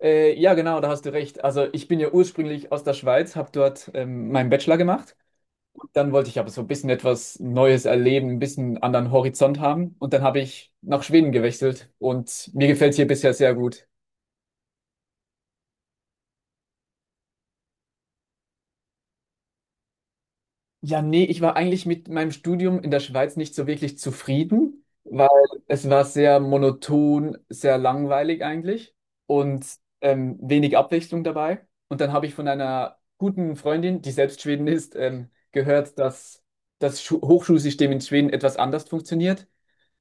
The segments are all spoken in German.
Ja, genau, da hast du recht. Also ich bin ja ursprünglich aus der Schweiz, habe dort meinen Bachelor gemacht. Dann wollte ich aber so ein bisschen etwas Neues erleben, ein bisschen anderen Horizont haben. Und dann habe ich nach Schweden gewechselt und mir gefällt es hier bisher sehr gut. Ja, nee, ich war eigentlich mit meinem Studium in der Schweiz nicht so wirklich zufrieden, weil es war sehr monoton, sehr langweilig eigentlich und wenig Abwechslung dabei. Und dann habe ich von einer guten Freundin, die selbst Schwedin ist, gehört, dass das Schu Hochschulsystem in Schweden etwas anders funktioniert.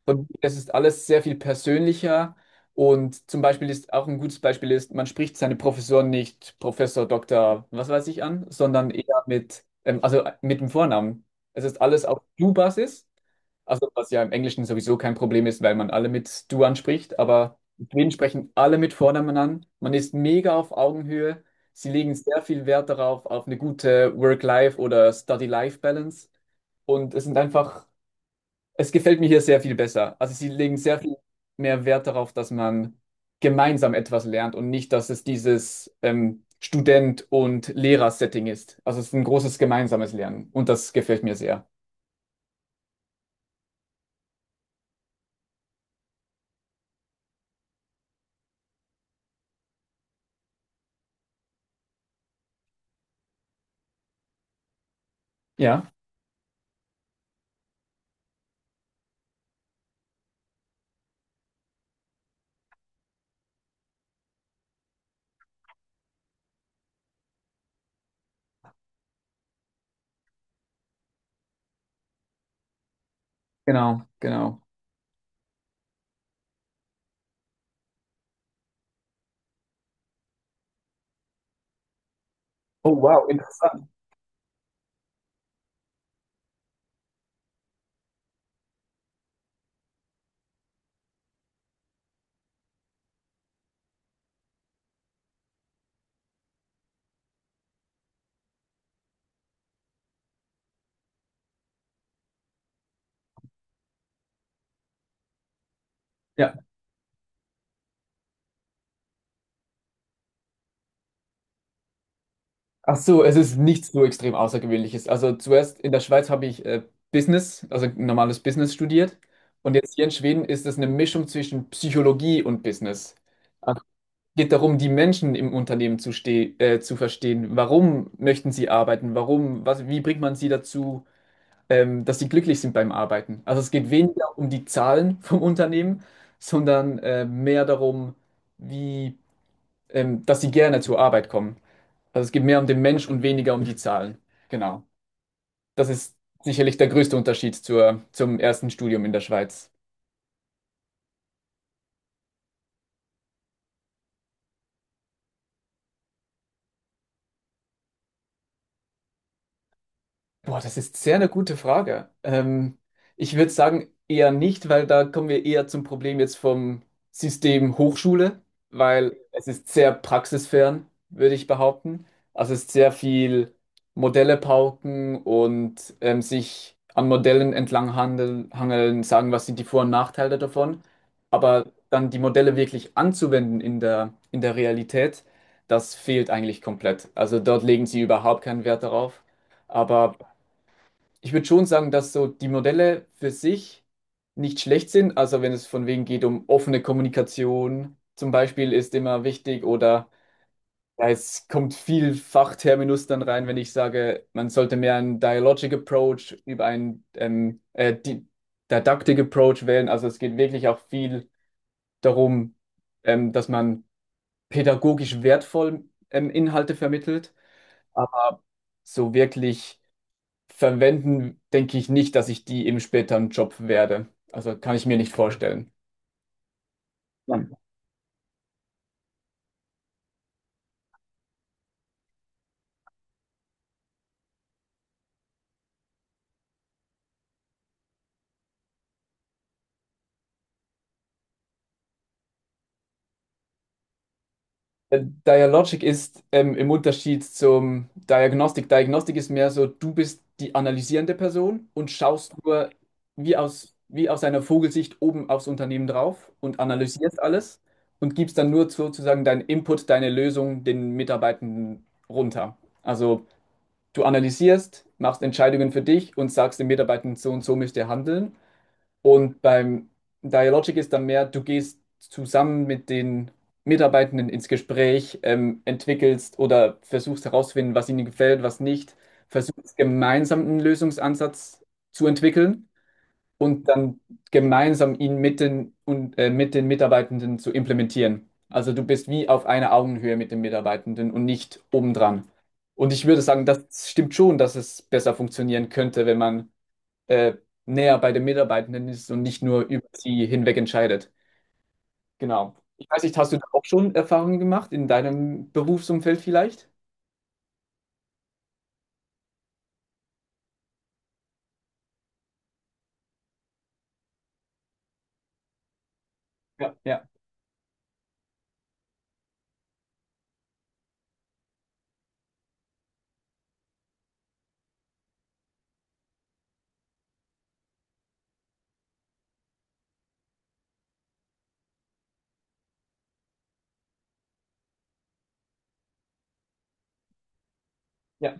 Und es ist alles sehr viel persönlicher. Und zum Beispiel ist auch ein gutes Beispiel ist, man spricht seine Professoren nicht Professor, Doktor, was weiß ich an, sondern eher mit, also mit dem Vornamen. Es ist alles auf Du-Basis, also was ja im Englischen sowieso kein Problem ist, weil man alle mit Du anspricht, aber in Schweden sprechen alle mit Vornamen an. Man ist mega auf Augenhöhe. Sie legen sehr viel Wert darauf, auf eine gute Work-Life- oder Study-Life-Balance. Und es sind einfach Es gefällt mir hier sehr viel besser. Also sie legen sehr viel mehr Wert darauf, dass man gemeinsam etwas lernt und nicht, dass es dieses Student- und Lehrer-Setting ist. Also es ist ein großes gemeinsames Lernen und das gefällt mir sehr. Ja, genau, genau. Oh, wow, interessant. Ja. Ach so, es ist nichts so extrem Außergewöhnliches. Also zuerst in der Schweiz habe ich Business, also normales Business studiert. Und jetzt hier in Schweden ist es eine Mischung zwischen Psychologie und Business. Also geht darum, die Menschen im Unternehmen zu verstehen. Warum möchten sie arbeiten? Wie bringt man sie dazu, dass sie glücklich sind beim Arbeiten? Also es geht weniger um die Zahlen vom Unternehmen, sondern mehr darum, wie, dass sie gerne zur Arbeit kommen. Also es geht mehr um den Mensch und weniger um die Zahlen. Genau. Das ist sicherlich der größte Unterschied zum ersten Studium in der Schweiz. Boah, das ist sehr eine gute Frage. Ich würde sagen, eher nicht, weil da kommen wir eher zum Problem jetzt vom System Hochschule, weil es ist sehr praxisfern, würde ich behaupten. Also es ist sehr viel Modelle pauken und sich an Modellen hangeln, sagen, was sind die Vor- und Nachteile davon. Aber dann die Modelle wirklich anzuwenden in der Realität, das fehlt eigentlich komplett. Also dort legen sie überhaupt keinen Wert darauf. Aber ich würde schon sagen, dass so die Modelle für sich nicht schlecht sind. Also wenn es von wegen geht um offene Kommunikation zum Beispiel ist immer wichtig oder ja, es kommt viel Fachterminus dann rein, wenn ich sage, man sollte mehr einen Dialogic Approach über einen Didactic Approach wählen. Also es geht wirklich auch viel darum, dass man pädagogisch wertvoll Inhalte vermittelt, aber so wirklich verwenden, denke ich nicht, dass ich die im späteren Job werde. Also kann ich mir nicht vorstellen. Spannend. Dialogic ist im Unterschied zum Diagnostik. Diagnostik ist mehr so, du bist die analysierende Person und schaust nur wie aus einer Vogelsicht oben aufs Unternehmen drauf und analysierst alles und gibst dann nur sozusagen deinen Input, deine Lösung den Mitarbeitenden runter. Also du analysierst, machst Entscheidungen für dich und sagst den Mitarbeitenden, so und so müsst ihr handeln. Und beim Dialogic ist dann mehr, du gehst zusammen mit den Mitarbeitenden ins Gespräch, entwickelst oder versuchst herauszufinden, was ihnen gefällt, was nicht, versuchst gemeinsam einen Lösungsansatz zu entwickeln und dann gemeinsam ihn mit den Mitarbeitenden zu implementieren. Also du bist wie auf einer Augenhöhe mit den Mitarbeitenden und nicht obendran. Und ich würde sagen, das stimmt schon, dass es besser funktionieren könnte, wenn man äh, näher bei den Mitarbeitenden ist und nicht nur über sie hinweg entscheidet. Genau. Ich weiß nicht, hast du da auch schon Erfahrungen gemacht in deinem Berufsumfeld vielleicht? Ja, ja, ja,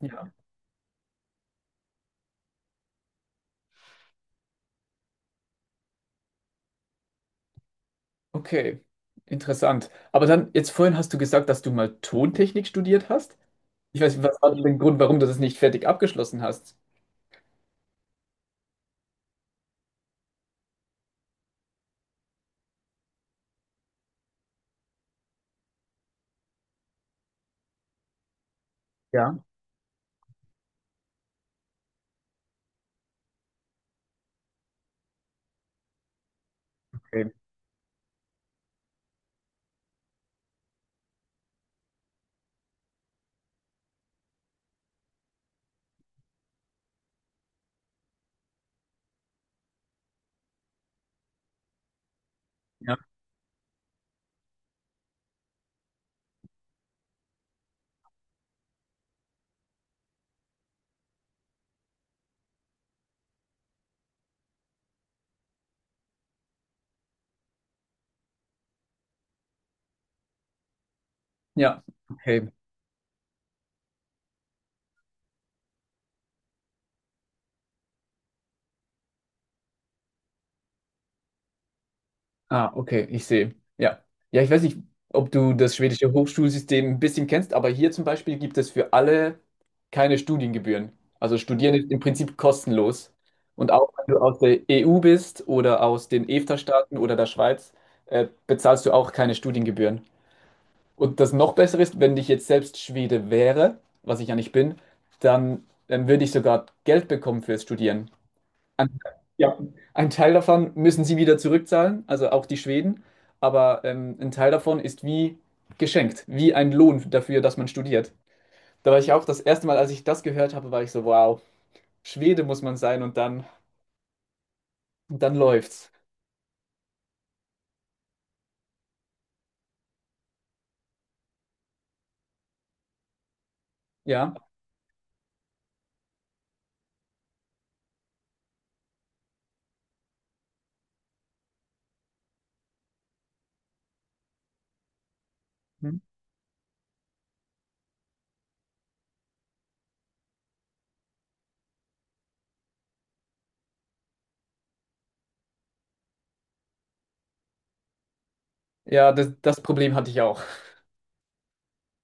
ja. Okay, interessant. Aber dann, jetzt vorhin hast du gesagt, dass du mal Tontechnik studiert hast. Ich weiß nicht, was war denn der Grund, warum du das nicht fertig abgeschlossen hast? Ja, okay. Ja, ja, okay. Ah, okay, ich sehe. Ja. Ja, ich weiß nicht, ob du das schwedische Hochschulsystem ein bisschen kennst, aber hier zum Beispiel gibt es für alle keine Studiengebühren. Also Studieren ist im Prinzip kostenlos. Und auch wenn du aus der EU bist oder aus den EFTA-Staaten oder der Schweiz, bezahlst du auch keine Studiengebühren. Und das noch Bessere ist, wenn ich jetzt selbst Schwede wäre, was ich ja nicht bin, dann würde ich sogar Geld bekommen fürs Studieren. Ein, ja, ein Teil davon müssen sie wieder zurückzahlen, also auch die Schweden, aber ein Teil davon ist wie geschenkt, wie ein Lohn dafür, dass man studiert. Da war ich auch das erste Mal, als ich das gehört habe, war ich so, wow, Schwede muss man sein und und dann läuft's. Ja. Hm. Ja, das Problem hatte ich auch.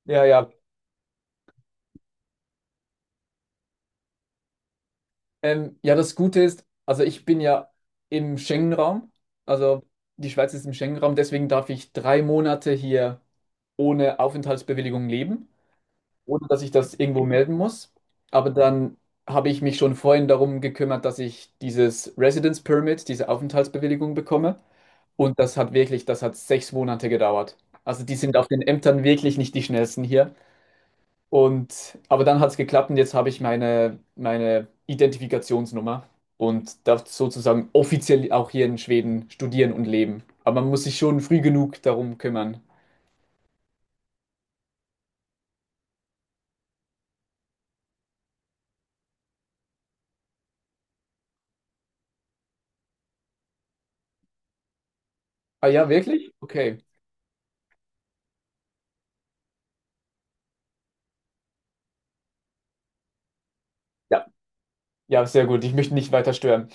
Ja, ja. Ja, das Gute ist, also ich bin ja im Schengen-Raum, also die Schweiz ist im Schengen-Raum, deswegen darf ich 3 Monate hier ohne Aufenthaltsbewilligung leben, ohne dass ich das irgendwo melden muss. Aber dann habe ich mich schon vorhin darum gekümmert, dass ich dieses Residence Permit, diese Aufenthaltsbewilligung bekomme. Und das hat wirklich, das hat 6 Monate gedauert. Also die sind auf den Ämtern wirklich nicht die schnellsten hier. Und aber dann hat es geklappt und jetzt habe ich meine Identifikationsnummer und darf sozusagen offiziell auch hier in Schweden studieren und leben. Aber man muss sich schon früh genug darum kümmern. Ah ja, wirklich? Okay. Ja, ja, sehr gut. Ich möchte nicht weiter stören.